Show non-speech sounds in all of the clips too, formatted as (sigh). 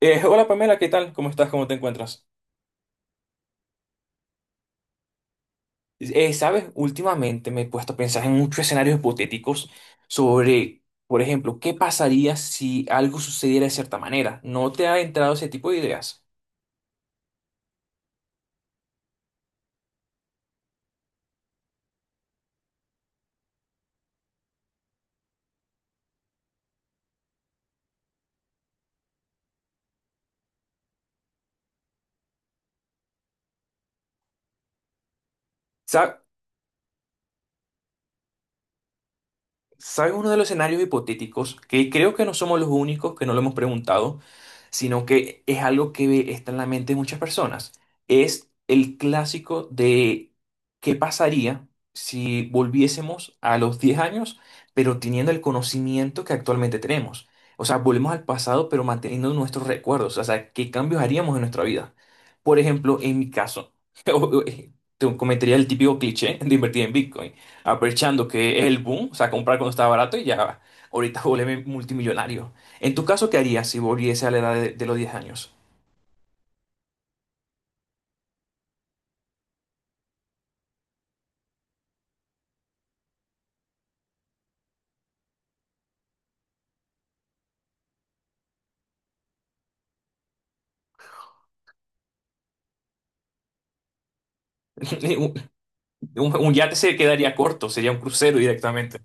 Hola Pamela, ¿qué tal? ¿Cómo estás? ¿Cómo te encuentras? Sabes, últimamente me he puesto a pensar en muchos escenarios hipotéticos sobre, por ejemplo, qué pasaría si algo sucediera de cierta manera. ¿No te ha entrado ese tipo de ideas? Sa- ¿Sabes uno de los escenarios hipotéticos? Que creo que no somos los únicos que no lo hemos preguntado, sino que es algo que está en la mente de muchas personas. Es el clásico de qué pasaría si volviésemos a los 10 años, pero teniendo el conocimiento que actualmente tenemos. O sea, volvemos al pasado, pero manteniendo nuestros recuerdos. O sea, ¿qué cambios haríamos en nuestra vida? Por ejemplo, en mi caso, (laughs) te comentaría el típico cliché de invertir en Bitcoin aprovechando que es el boom, o sea, comprar cuando estaba barato y ya ahorita (laughs) volverme multimillonario. En tu caso, ¿qué harías si volviese a la edad de los 10 años? (laughs) Un, un yate se quedaría corto, sería un crucero directamente.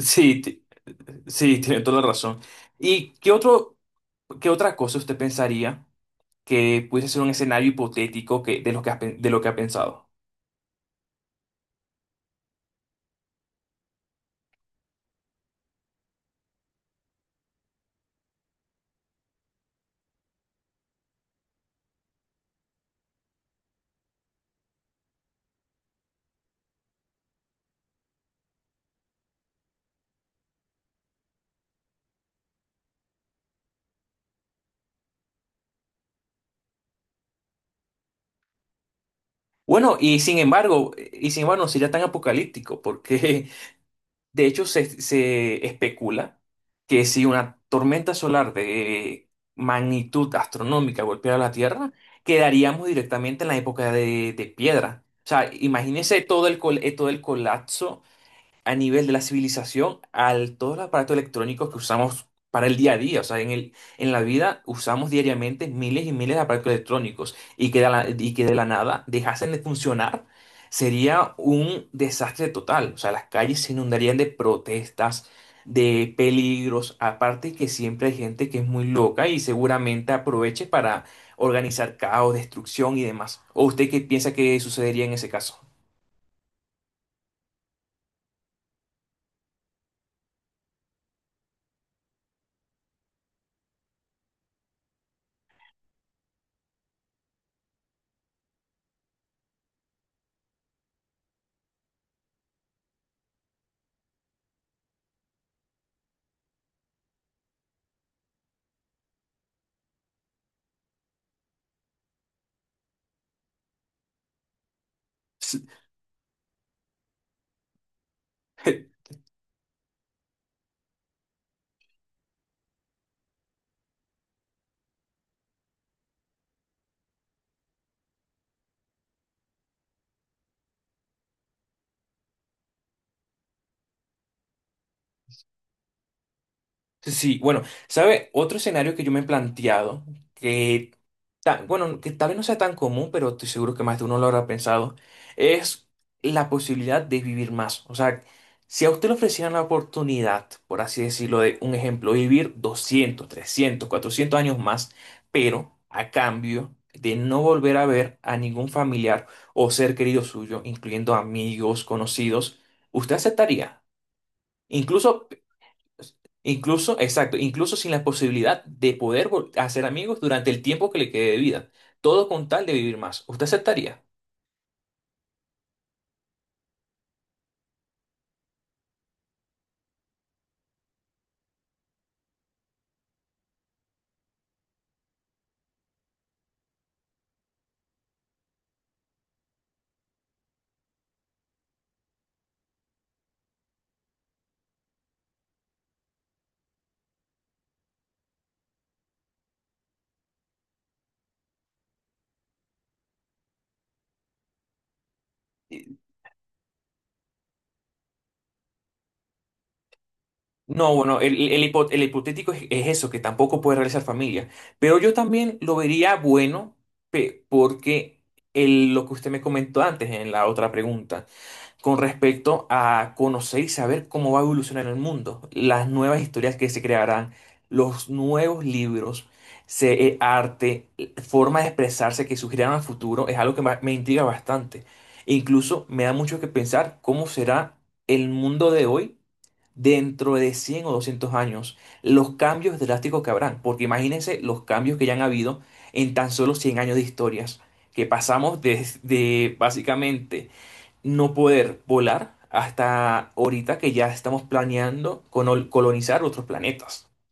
Sí, sí, tiene toda la razón. ¿Y qué otro, qué otra cosa usted pensaría que pudiese ser un escenario hipotético que, de lo que ha, de lo que ha pensado? Bueno, y sin embargo, no sería tan apocalíptico, porque de hecho, se especula que si una tormenta solar de magnitud astronómica golpeara la Tierra, quedaríamos directamente en la época de piedra. O sea, imagínese todo el, todo el colapso a nivel de la civilización al todos los aparatos electrónicos que usamos para el día a día. O sea, en la vida usamos diariamente miles y miles de aparatos electrónicos y que de la, y que de la nada dejasen de funcionar. Sería un desastre total. O sea, las calles se inundarían de protestas, de peligros. Aparte que siempre hay gente que es muy loca y seguramente aproveche para organizar caos, destrucción y demás. ¿O usted qué piensa que sucedería en ese caso? (laughs) Sí, bueno, ¿sabe? Otro escenario que yo me he planteado, que, bueno, que tal vez no sea tan común, pero estoy seguro que más de uno lo habrá pensado, es la posibilidad de vivir más. O sea, si a usted le ofrecieran la oportunidad, por así decirlo, de un ejemplo, vivir 200, 300, 400 años más, pero a cambio de no volver a ver a ningún familiar o ser querido suyo, incluyendo amigos, conocidos, ¿usted aceptaría? Incluso, incluso, exacto, incluso sin la posibilidad de poder hacer amigos durante el tiempo que le quede de vida. Todo con tal de vivir más. ¿Usted aceptaría? No, bueno, el hipotético es eso, que tampoco puede realizar familia. Pero yo también lo vería bueno, porque lo que usted me comentó antes en la otra pregunta, con respecto a conocer y saber cómo va a evolucionar el mundo, las nuevas historias que se crearán, los nuevos libros, arte, forma de expresarse que surgirán al futuro, es algo que me intriga bastante. E incluso me da mucho que pensar cómo será el mundo de hoy dentro de 100 o 200 años, los cambios drásticos que habrán, porque imagínense los cambios que ya han habido en tan solo 100 años de historias, que pasamos desde básicamente no poder volar hasta ahorita que ya estamos planeando colonizar otros planetas. (laughs)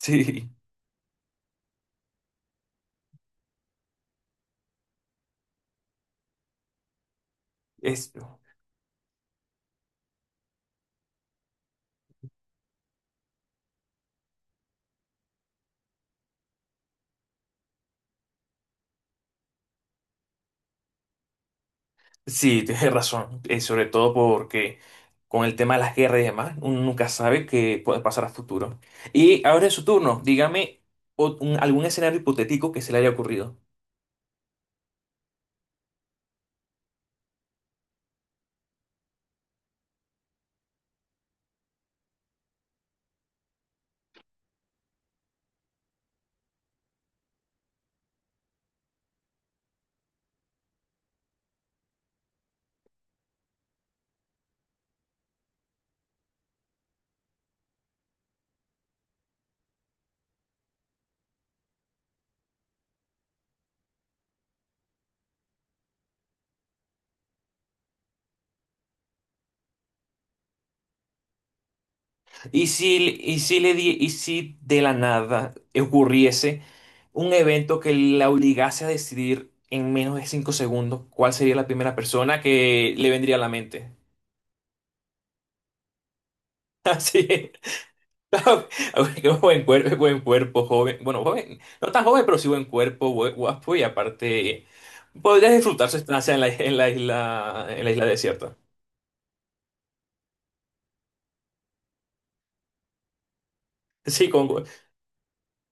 Sí, es, sí, tienes razón. Sobre todo porque con el tema de las guerras y demás, uno nunca sabe qué puede pasar a futuro. Y ahora es su turno. Dígame algún escenario hipotético que se le haya ocurrido. Y si y si de la nada ocurriese un evento que la obligase a decidir en menos de 5 segundos cuál sería la primera persona que le vendría a la mente? (laughs) Así es. (laughs) Qué buen cuerpo, joven. Bueno, joven, no tan joven, pero sí buen cuerpo, guapo y aparte podrías disfrutar su estancia en la isla desierta. Sí,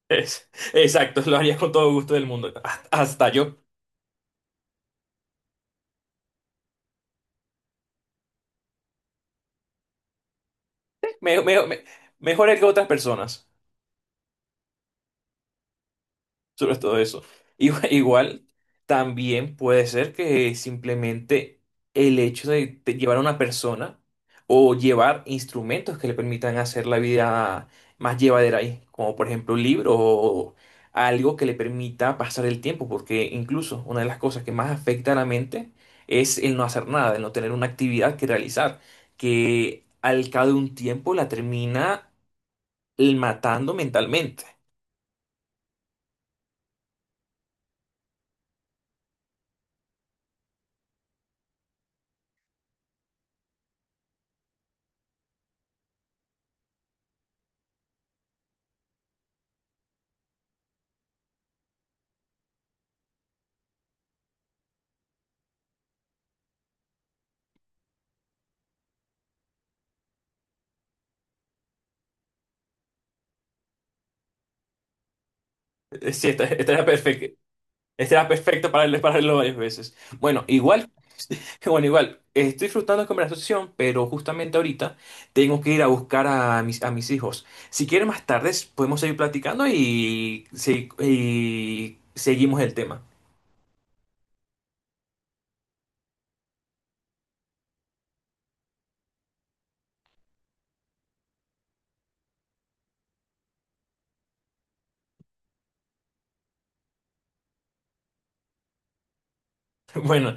es- exacto, lo haría con todo gusto del mundo. Hasta yo. Me- me- me- Mejor él que otras personas, sobre todo eso. (laughs) Igual, igual también puede ser que simplemente el hecho de llevar a una persona o llevar instrumentos que le permitan hacer la vida más llevadera ahí, como por ejemplo un libro o algo que le permita pasar el tiempo, porque incluso una de las cosas que más afecta a la mente es el no hacer nada, el no tener una actividad que realizar, que al cabo de un tiempo la termina matando mentalmente. (laughs) Sí, esta era perfecta. Este era perfecto (laughs) para leerlo varias veces. Bueno, igual, (laughs) bueno, igual, estoy disfrutando la conversación, pero justamente ahorita tengo que ir a buscar a mis hijos. Si quieren más tarde podemos seguir platicando y seguimos el tema. (laughs) Bueno,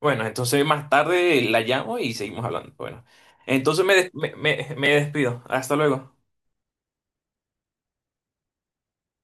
bueno, entonces más tarde la llamo y seguimos hablando. Bueno, entonces me despido. Hasta luego.